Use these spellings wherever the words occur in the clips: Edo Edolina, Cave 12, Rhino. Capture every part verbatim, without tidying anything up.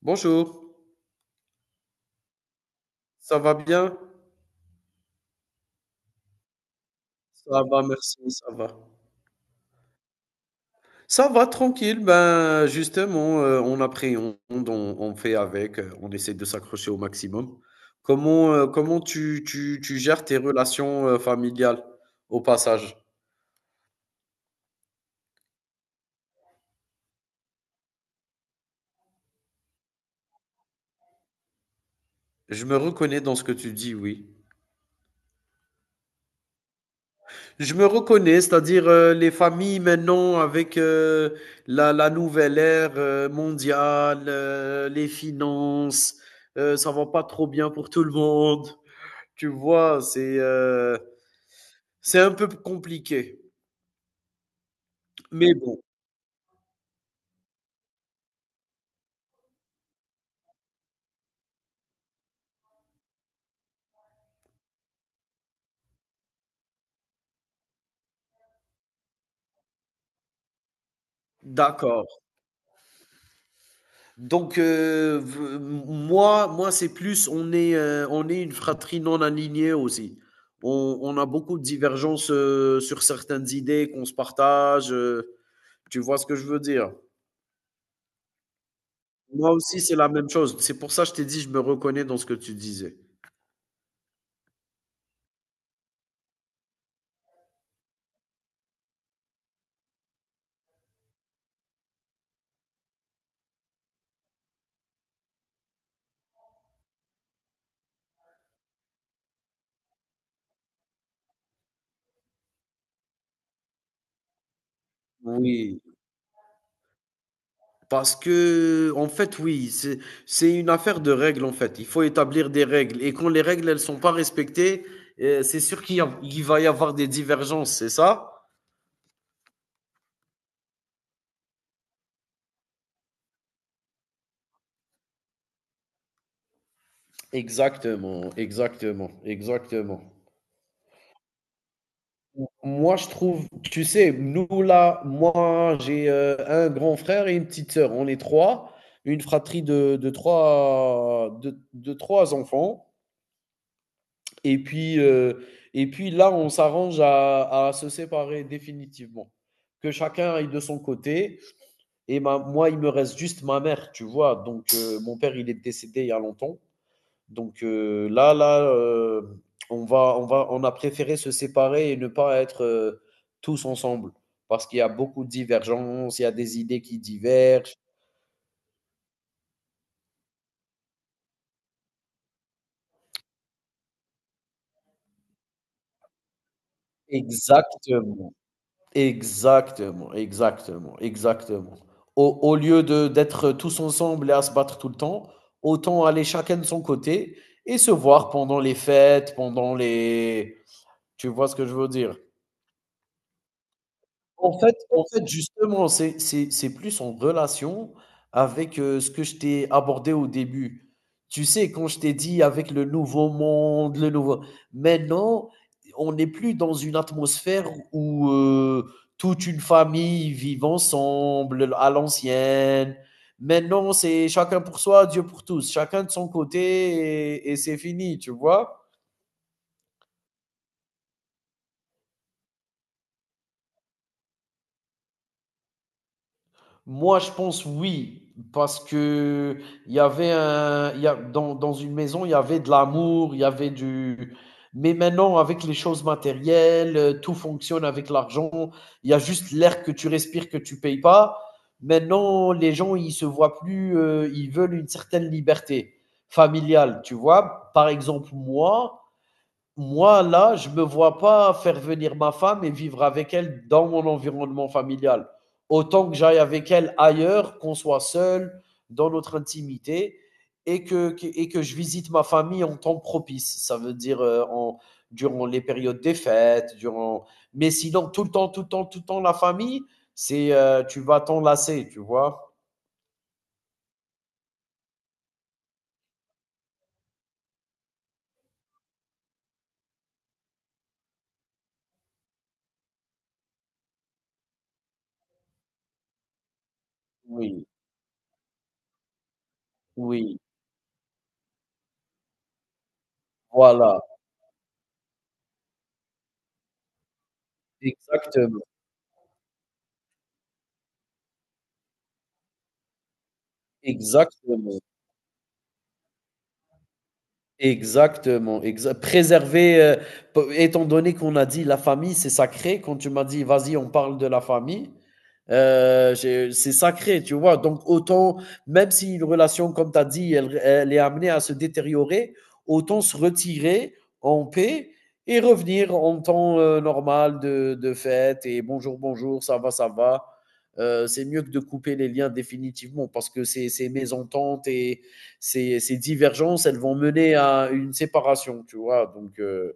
Bonjour, ça va bien? Ça va, merci, ça va. Ça va, tranquille, ben justement, heu, on appréhende, on on fait avec, heu, on essaie de s'accrocher au maximum. Comment, heu, comment tu tu tu gères tes relations, heu, familiales, au passage? Je me reconnais dans ce que tu dis, oui. Je me reconnais, c'est-à-dire, heu, les familles maintenant avec, heu, la la nouvelle ère, heu, mondiale, heu, les finances, heu, ça va pas trop bien pour tout le monde. Tu vois, c'est, heu, c'est un peu compliqué. Mais bon, d'accord. Donc heu, v m moi moi, c'est plus on est, heu, on est une fratrie non alignée aussi. On on a beaucoup de divergences, heu, sur certaines idées qu'on se partage, heu, tu vois ce que je veux dire? Moi aussi, c'est la même chose. C'est pour ça que je t'ai dit, je me reconnais dans ce que tu disais. Oui, parce que, en fait, oui, c'est, c'est une affaire de règles, en fait. Il faut établir des règles. Et quand les règles, elles sont pas respectées, euh, c'est sûr qu'il y a- il va y avoir des divergences, c'est ça? Exactement, exactement, exactement. Moi, je trouve, tu sais, nous là, moi, j'ai euh, un grand frère et une petite sœur. On est trois, une fratrie de, de trois, de, de trois enfants. Et puis, euh, et puis là, on s'arrange à, à se séparer définitivement. Que chacun aille de son côté. Et ma- moi, il me reste juste ma mère, tu vois. Donc, euh, mon père, il est décédé il y a longtemps. Donc heu, là là, heu, on va on va on a préféré se séparer et ne pas être, heu, tous ensemble parce qu'il y a beaucoup de divergences, il y a des idées qui divergent. Exactement, exactement, exactement, exactement. Au au lieu de d'être tous ensemble et à se battre tout le temps, autant aller chacun de son côté et se voir pendant les fêtes, pendant les tu vois ce que je veux dire? En fait en fait, justement, c'est c'est c'est plus en relation avec, heu, ce que je t'ai abordé au début. Tu sais, quand je t'ai dit avec le nouveau monde, le nouveau maintenant, on n'est plus dans une atmosphère où, heu, toute une famille vit ensemble à l'ancienne. Maintenant, c'est chacun pour soi, Dieu pour tous, chacun de son côté et et c'est fini, tu vois? Moi, je pense oui, parce que il y avait un, il y a, dans, dans une maison, il y avait de l'amour, il y avait du. Mais maintenant, avec les choses matérielles, euh, tout fonctionne avec l'argent. Il y a juste l'air que tu respires que tu payes pas. Maintenant, les gens, ils se voient plus, euh, ils veulent une certaine liberté familiale, tu vois. Par exemple, moi, moi, là, je ne me vois pas faire venir ma femme et vivre avec elle dans mon environnement familial. Autant que j'aille avec elle ailleurs, qu'on soit seul, dans notre intimité, et que, que- et que je visite ma famille en temps propice. Ça veut dire euh, en, durant les périodes des fêtes, durant... Mais sinon, tout le temps, tout le temps, tout le temps, la famille, c'est euh, tu vas t'en lasser, tu vois? Oui, oui, voilà, exactement, exactement. Exactement, exa préserver, heu, p étant donné qu'on a dit la famille, c'est sacré, quand tu m'as dit: «Vas-y, on parle de la famille», euh, c'est sacré, tu vois. Donc, autant, même si une relation, comme tu as dit, elle, elle est amenée à se détériorer, autant se retirer en paix et revenir en temps euh, normal de, de fête et bonjour, bonjour, ça va, ça va. Euh, c'est mieux que de couper les liens définitivement parce que ces, ces mésententes et ces, ces divergences, elles vont mener à une séparation, tu vois. Donc, euh,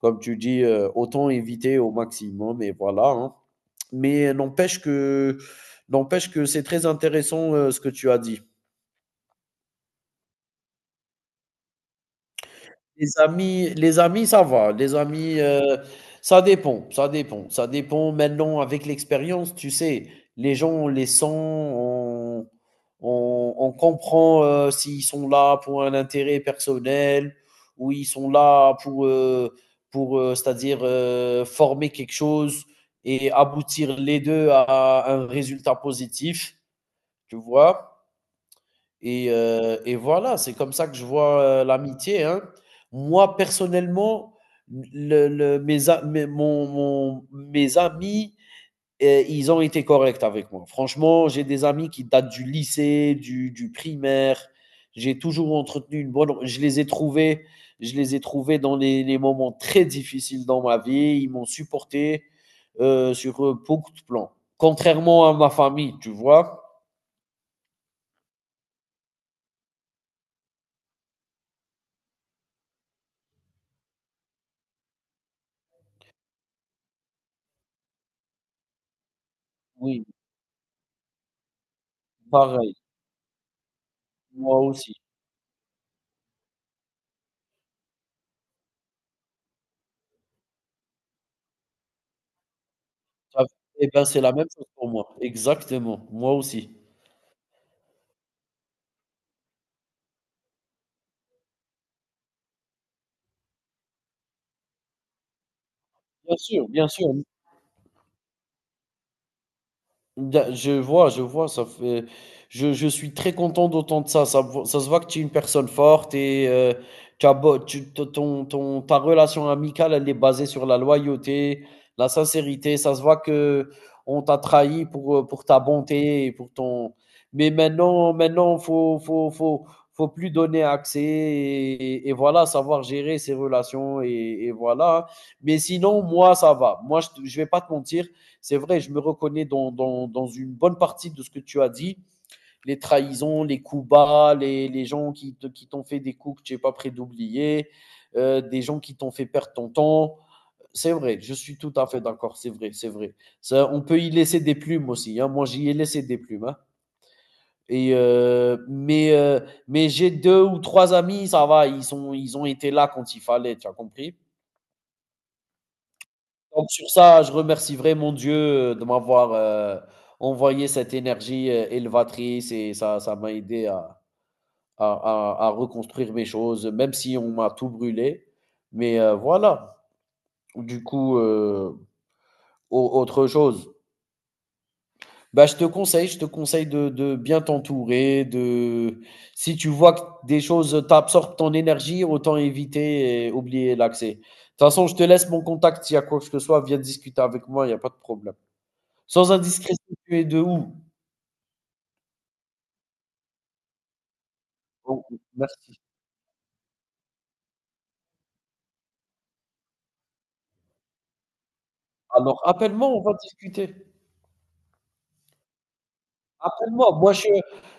comme tu dis, heu, autant éviter au maximum et voilà, hein. Mais euh, n'empêche que n'empêche que c'est très intéressant, heu, ce que tu as dit. Les amis les amis, ça va. Les amis, heu, ça dépend, ça dépend, ça dépend maintenant avec l'expérience, tu sais, les gens, on les sent, on on on comprend, heu, s'ils sont là pour un intérêt personnel ou ils sont là pour, heu, pour, heu, c'est-à-dire, heu, former quelque chose et aboutir les deux à un résultat positif, tu vois? Et heu et voilà, c'est comme ça que je vois, heu, l'amitié, hein. Moi, personnellement, le le mes a mes mon mon mes amis, heu, ils ont été corrects avec moi. Franchement, j'ai des amis qui datent du lycée, du du primaire. J'ai toujours entretenu une bonne je les ai trouvés je les ai trouvés dans les les moments très difficiles dans ma vie. Ils m'ont supporté, heu, sur, heu, beaucoup de plans. Contrairement à ma famille, tu vois? Oui, pareil, moi aussi. Ah, et ben c'est la même chose pour moi, exactement, moi aussi. Bien sûr, bien sûr. Da- Je vois, je vois, ça fait... je, je suis très content d'entendre ça. Ça, vo- ça se voit que tu es une personne forte et euh, tu as beau- tu- t- ton, ton- ta relation amicale, elle est basée sur la loyauté, la sincérité. Ça se voit que on t'a trahi pour, euh, pour ta bonté et pour ton. Mais maintenant, maintenant, faut, faut, faut, faut plus donner accès et, et voilà, savoir gérer ses relations et, et voilà. Mais sinon, moi, ça va. Moi, je, te- je vais pas te mentir. C'est vrai, je me reconnais dans, dans, dans une bonne partie de ce que tu as dit. Les trahisons, les coups bas, les, les gens qui, te, qui t'ont fait des coups que tu n'es pas prêt d'oublier, euh, des gens qui t'ont fait perdre ton temps. C'est vrai, je suis tout à fait d'accord. C'est vrai, c'est vrai. Ça, on peut y laisser des plumes aussi. Hein. Moi, j'y ai laissé des plumes. Hein. Et euh, mais euh, mais j'ai deux ou trois amis, ça va, ils, sont, ils ont été là quand il fallait, tu as compris. Donc sur ça, je remercie vraiment Dieu, heu, de m'avoir, heu, envoyé cette énergie, heu, élevatrice et ça ça m'a aidé à à à à reconstruire mes choses, même si on m'a tout brûlé. Mais, heu, voilà, du coup, heu, au autre chose, bah, je te conseille je te conseille de de bien t'entourer, de si tu vois que des choses t'absorbent ton énergie, autant éviter et oublier l'accès. De toute façon, je te laisse mon contact, s'il y a quoi que ce soit, viens discuter avec moi, il y a pas de problème. Sans indiscrétion, tu es de où? Oh, merci. Alors appelle-moi, on va discuter. Appelle-moi. Moi, je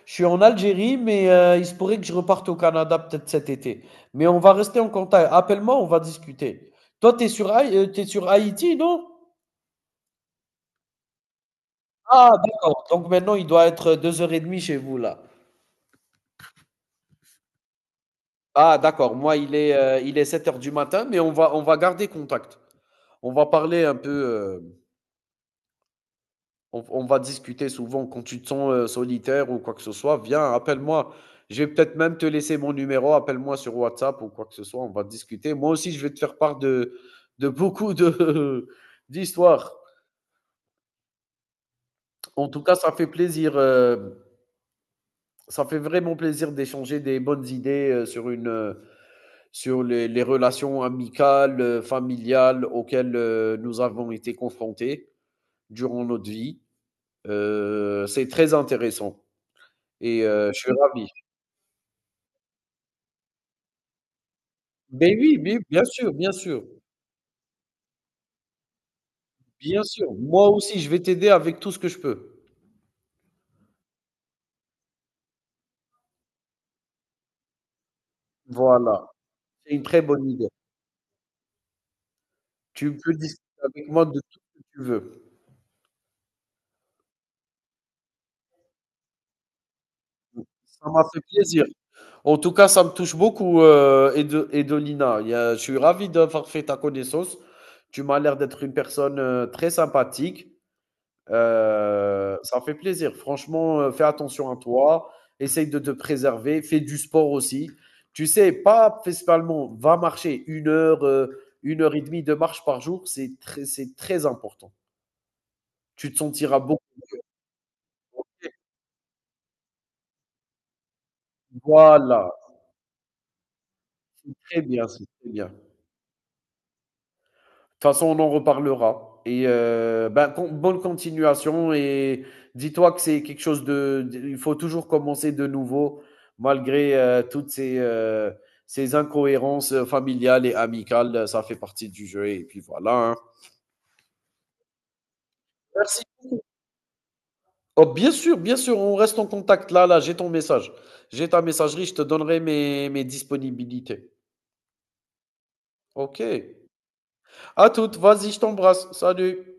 je suis en Algérie, mais heu, il se pourrait que je reparte au Canada peut-être cet été. Mais on va rester en contact. Appelle-moi, on va discuter. Toi, tu es sur Haï heu, tu sur Haïti, non? Ah d'accord, donc maintenant il doit être euh, deux heures et demie chez vous là. Ah d'accord, moi il est, heu, il est sept heures du matin, mais on va on va garder contact. On va parler un peu, heu. On on va discuter souvent quand tu te sens, heu, solitaire ou quoi que ce soit, viens, appelle-moi. Je vais peut-être même te laisser mon numéro, appelle-moi sur WhatsApp ou quoi que ce soit, on va discuter. Moi aussi, je vais te faire part de de beaucoup de d'histoires. En tout cas, ça fait plaisir, heu, ça fait vraiment plaisir d'échanger des bonnes idées, heu, sur une, heu, sur les les relations amicales, heu, familiales auxquelles, heu, nous avons été confrontés durant notre vie. Heu, c'est très intéressant et heu, je suis ravi. Ben oui, mais bien sûr, bien sûr, bien sûr. Moi aussi, je vais t'aider avec tout ce que je peux. Voilà, c'est une très bonne idée. Tu peux discuter avec moi de tout ce que tu veux. Ça m'a fait plaisir. En tout cas, ça me touche beaucoup, heu, Edo Edolina. Il y a Je suis ravi d'avoir fait ta connaissance. Tu m'as l'air d'être une personne, heu, très sympathique. Heu, ça fait plaisir. Franchement, heu, fais attention à toi, essaye de te préserver, fais du sport aussi. Tu sais, pas principalement, va marcher une heure, heu, une heure et demie de marche par jour, c'est très c'est très important. Tu te sentiras beaucoup. Voilà, c'est très bien, c'est très bien. Toute façon, on en reparlera. Et euh, ben, con- bonne continuation. Et dis-toi que c'est quelque chose de. de- Il faut toujours commencer de nouveau, malgré euh, toutes ces, euh, ces incohérences euh, familiales et amicales. euh, Ça fait partie du jeu. Et puis voilà, hein. Merci. Oh, bien sûr, bien sûr, on reste en contact. Là, là, j'ai ton message. J'ai ta messagerie. Je te donnerai mes, mes disponibilités. OK. À toutes. Vas-y, je t'embrasse. Salut.